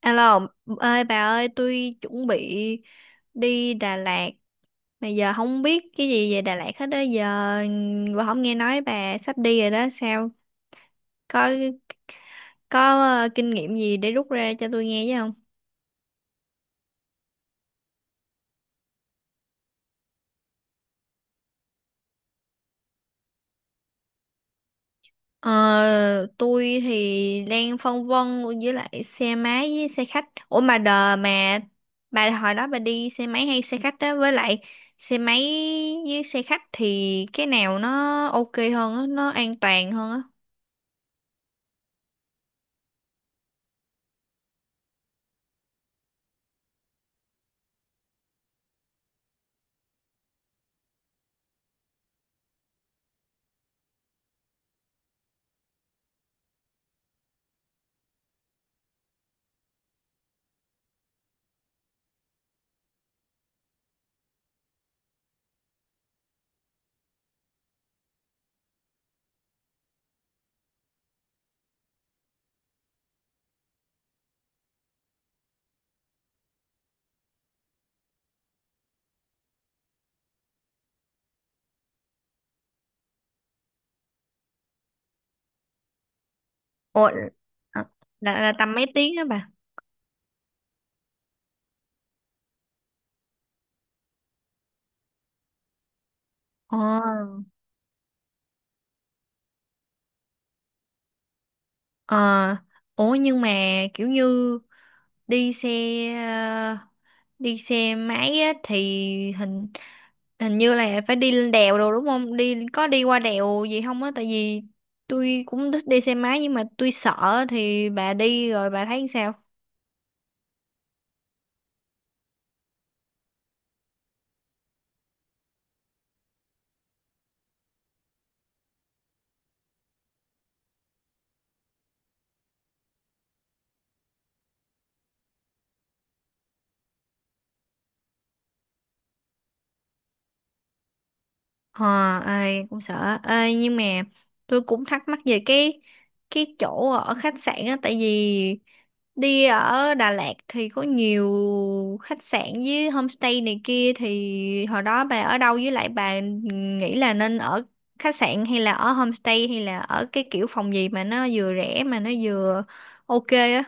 Alo, ơi bà ơi, tôi chuẩn bị đi Đà Lạt. Mà giờ không biết cái gì về Đà Lạt hết đó. Giờ bà không nghe nói bà sắp đi rồi đó. Sao? Có có kinh nghiệm gì để rút ra cho tôi nghe chứ không? Ờ, tôi thì đang phân vân với lại xe máy với xe khách. Ủa mà đờ mà bà hồi đó bà đi xe máy hay xe khách đó với lại xe máy với xe khách thì cái nào nó ok hơn á, nó an toàn hơn á? Ủa, à, là tầm mấy tiếng á bà? Ồ, ờ, ủa nhưng mà kiểu như đi xe ờ, đi xe máy á thì hình hình như là phải đi lên đèo rồi đúng không? Đi có đi qua đèo gì không á? Tại vì tôi cũng thích đi xe máy nhưng mà tôi sợ thì bà đi rồi bà thấy sao? Ờ, ai cũng sợ. Ê, nhưng mà tôi cũng thắc mắc về cái chỗ ở khách sạn á tại vì đi ở Đà Lạt thì có nhiều khách sạn với homestay này kia thì hồi đó bà ở đâu với lại bà nghĩ là nên ở khách sạn hay là ở homestay hay là ở cái kiểu phòng gì mà nó vừa rẻ mà nó vừa ok á.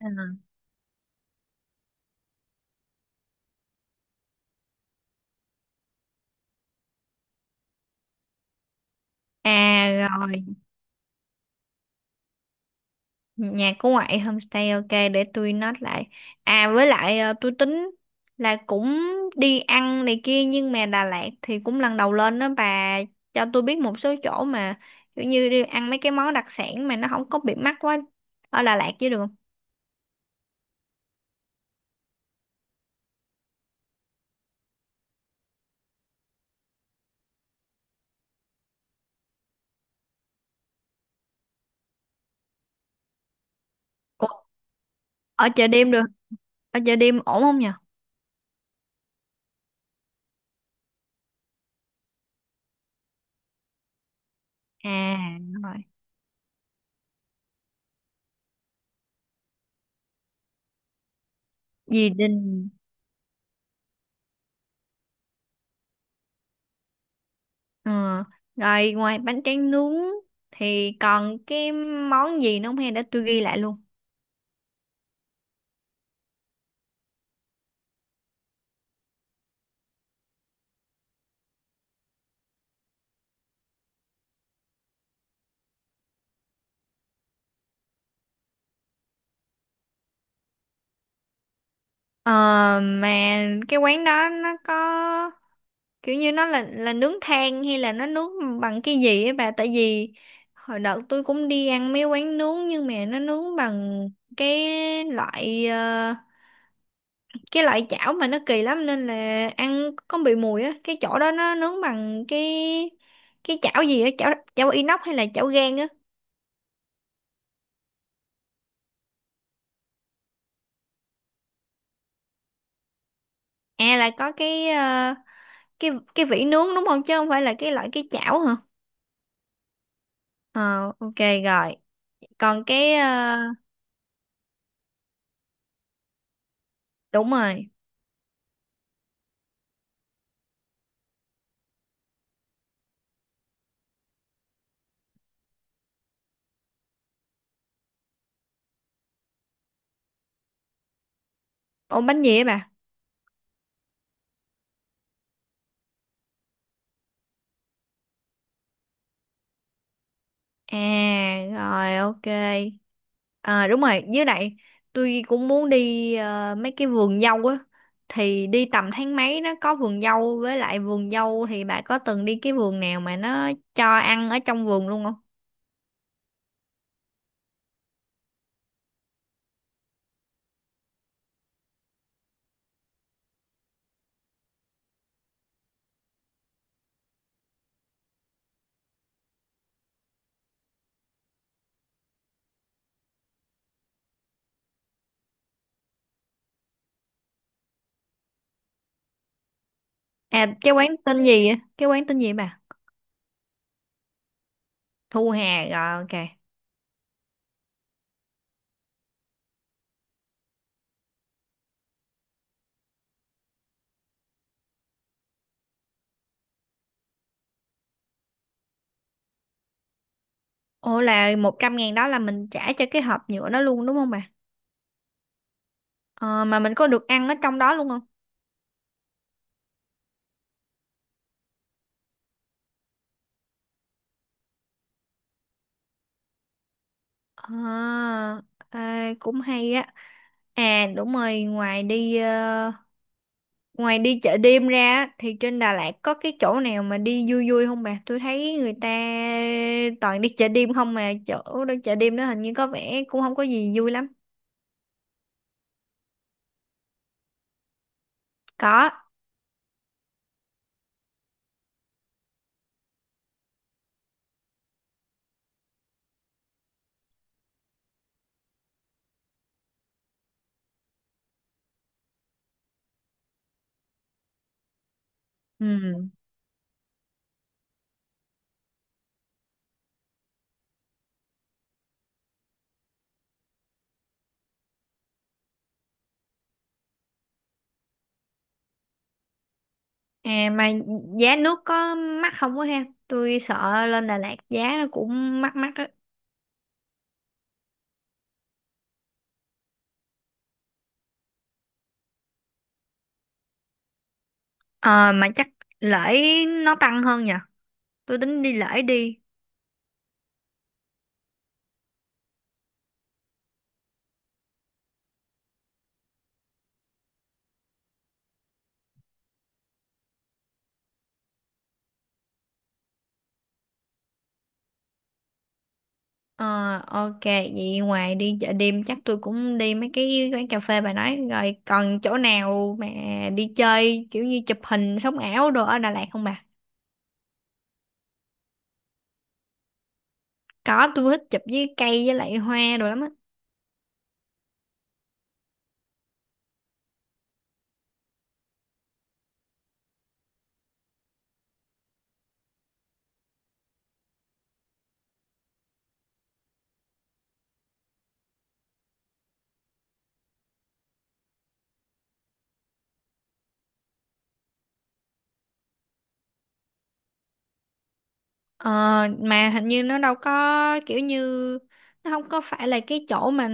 À. À rồi, nhà của ngoại homestay, ok, để tôi note lại. À với lại tôi tính là cũng đi ăn này kia nhưng mà Đà Lạt thì cũng lần đầu lên đó bà cho tôi biết một số chỗ mà kiểu như đi ăn mấy cái món đặc sản mà nó không có bị mắc quá ở Đà Lạt chứ được không? Ủa, ở chợ đêm được ở chợ đêm ổn không nhờ? À đúng rồi. Gì đình. ờ Rồi, ngoài bánh tráng nướng thì còn cái món gì nữa không, hay để tôi ghi lại luôn? Ờ, mà cái quán đó nó có kiểu như nó là nướng than hay là nó nướng bằng cái gì ấy bà, tại vì hồi đợt tôi cũng đi ăn mấy quán nướng nhưng mà nó nướng bằng cái loại ờ, cái loại chảo mà nó kỳ lắm nên là ăn có bị mùi á, cái chỗ đó nó nướng bằng cái chảo gì á, chảo chảo inox hay là chảo gang á? À là có cái ờ, cái vỉ nướng đúng không, chứ không phải là cái loại cái chảo hả? Ờ, ok, rồi còn đúng rồi, ôm bánh gì ấy bà? À rồi, ok. À đúng rồi, với lại tôi cũng muốn đi mấy cái vườn dâu á thì đi tầm tháng mấy nó có vườn dâu, với lại vườn dâu thì bà có từng đi cái vườn nào mà nó cho ăn ở trong vườn luôn không? À, cái quán tên gì á? Cái quán tên gì bà? Thu Hà, rồi ok. Ủa là 100.000 đó là mình trả cho cái hộp nhựa đó luôn đúng không bà? Ờ, mà mình có được ăn ở trong đó luôn không? À, ê, cũng hay á. À đúng rồi, ngoài đi chợ đêm ra á, thì trên Đà Lạt có cái chỗ nào mà đi vui vui không bà? Tôi thấy người ta toàn đi chợ đêm không, mà chỗ đó chợ đêm đó hình như có vẻ cũng không có gì vui lắm. Có. Ừ. À mà giá nước có mắc không quá ha? Tôi sợ lên Đà Lạt giá nó cũng mắc mắc á. Ờ, mà chắc lễ nó tăng hơn nhỉ? Tôi tính đi lễ đi. Ờ, ok vậy ngoài đi chợ đêm chắc tôi cũng đi mấy cái quán cà phê bà nói rồi, còn chỗ nào mà đi chơi kiểu như chụp hình sống ảo đồ ở Đà Lạt không bà? Có, tôi thích chụp với cây với lại hoa đồ lắm á. ờ, mà hình như nó đâu có kiểu như, nó không có phải là cái chỗ mà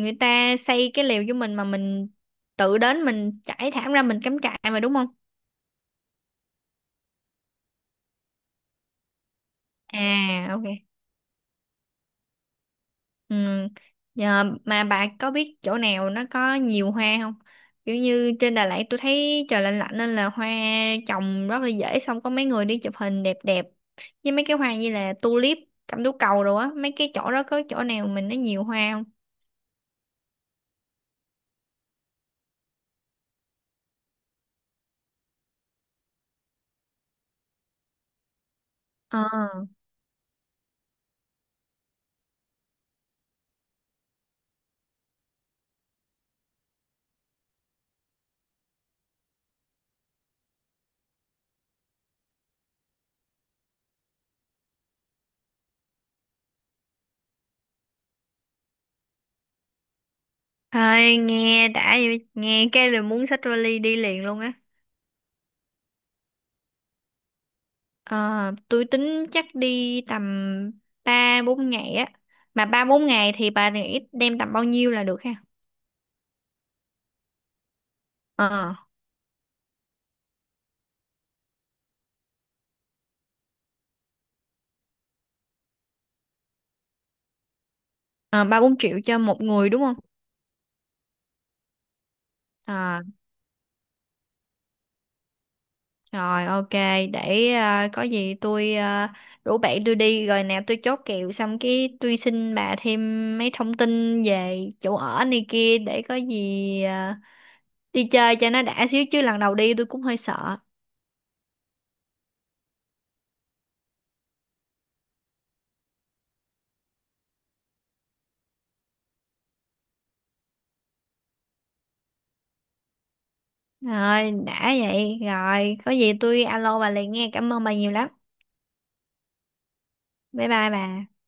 người ta xây cái lều cho mình mà mình tự đến mình trải thảm ra mình cắm trại mà đúng không? À ok. Ừ. Nhờ, mà bà có biết chỗ nào nó có nhiều hoa không? Kiểu như trên Đà Lạt tôi thấy trời lạnh lạnh nên là hoa trồng rất là dễ, xong có mấy người đi chụp hình đẹp đẹp với mấy cái hoa như là tulip, cẩm tú cầu rồi á, mấy cái chỗ đó có chỗ nào mình nó nhiều hoa không? Ờ. Thôi nghe đã vậy, nghe cái là muốn xách vali đi liền luôn á. Ờ, tôi tính chắc đi tầm 3-4 ngày á. Mà 3-4 ngày thì bà nghĩ đem tầm bao nhiêu là được ha? Ờ. À, 3-4 triệu cho một người đúng không? À rồi ok, để à, có gì tôi à, rủ bạn tôi đi rồi nào tôi chốt kèo xong cái tôi xin bà thêm mấy thông tin về chỗ ở này kia để có gì à, đi chơi cho nó đã xíu chứ lần đầu đi tôi cũng hơi sợ. Rồi đã vậy, rồi có gì tôi alo bà liền nghe, cảm ơn bà nhiều lắm. Bye bye bà.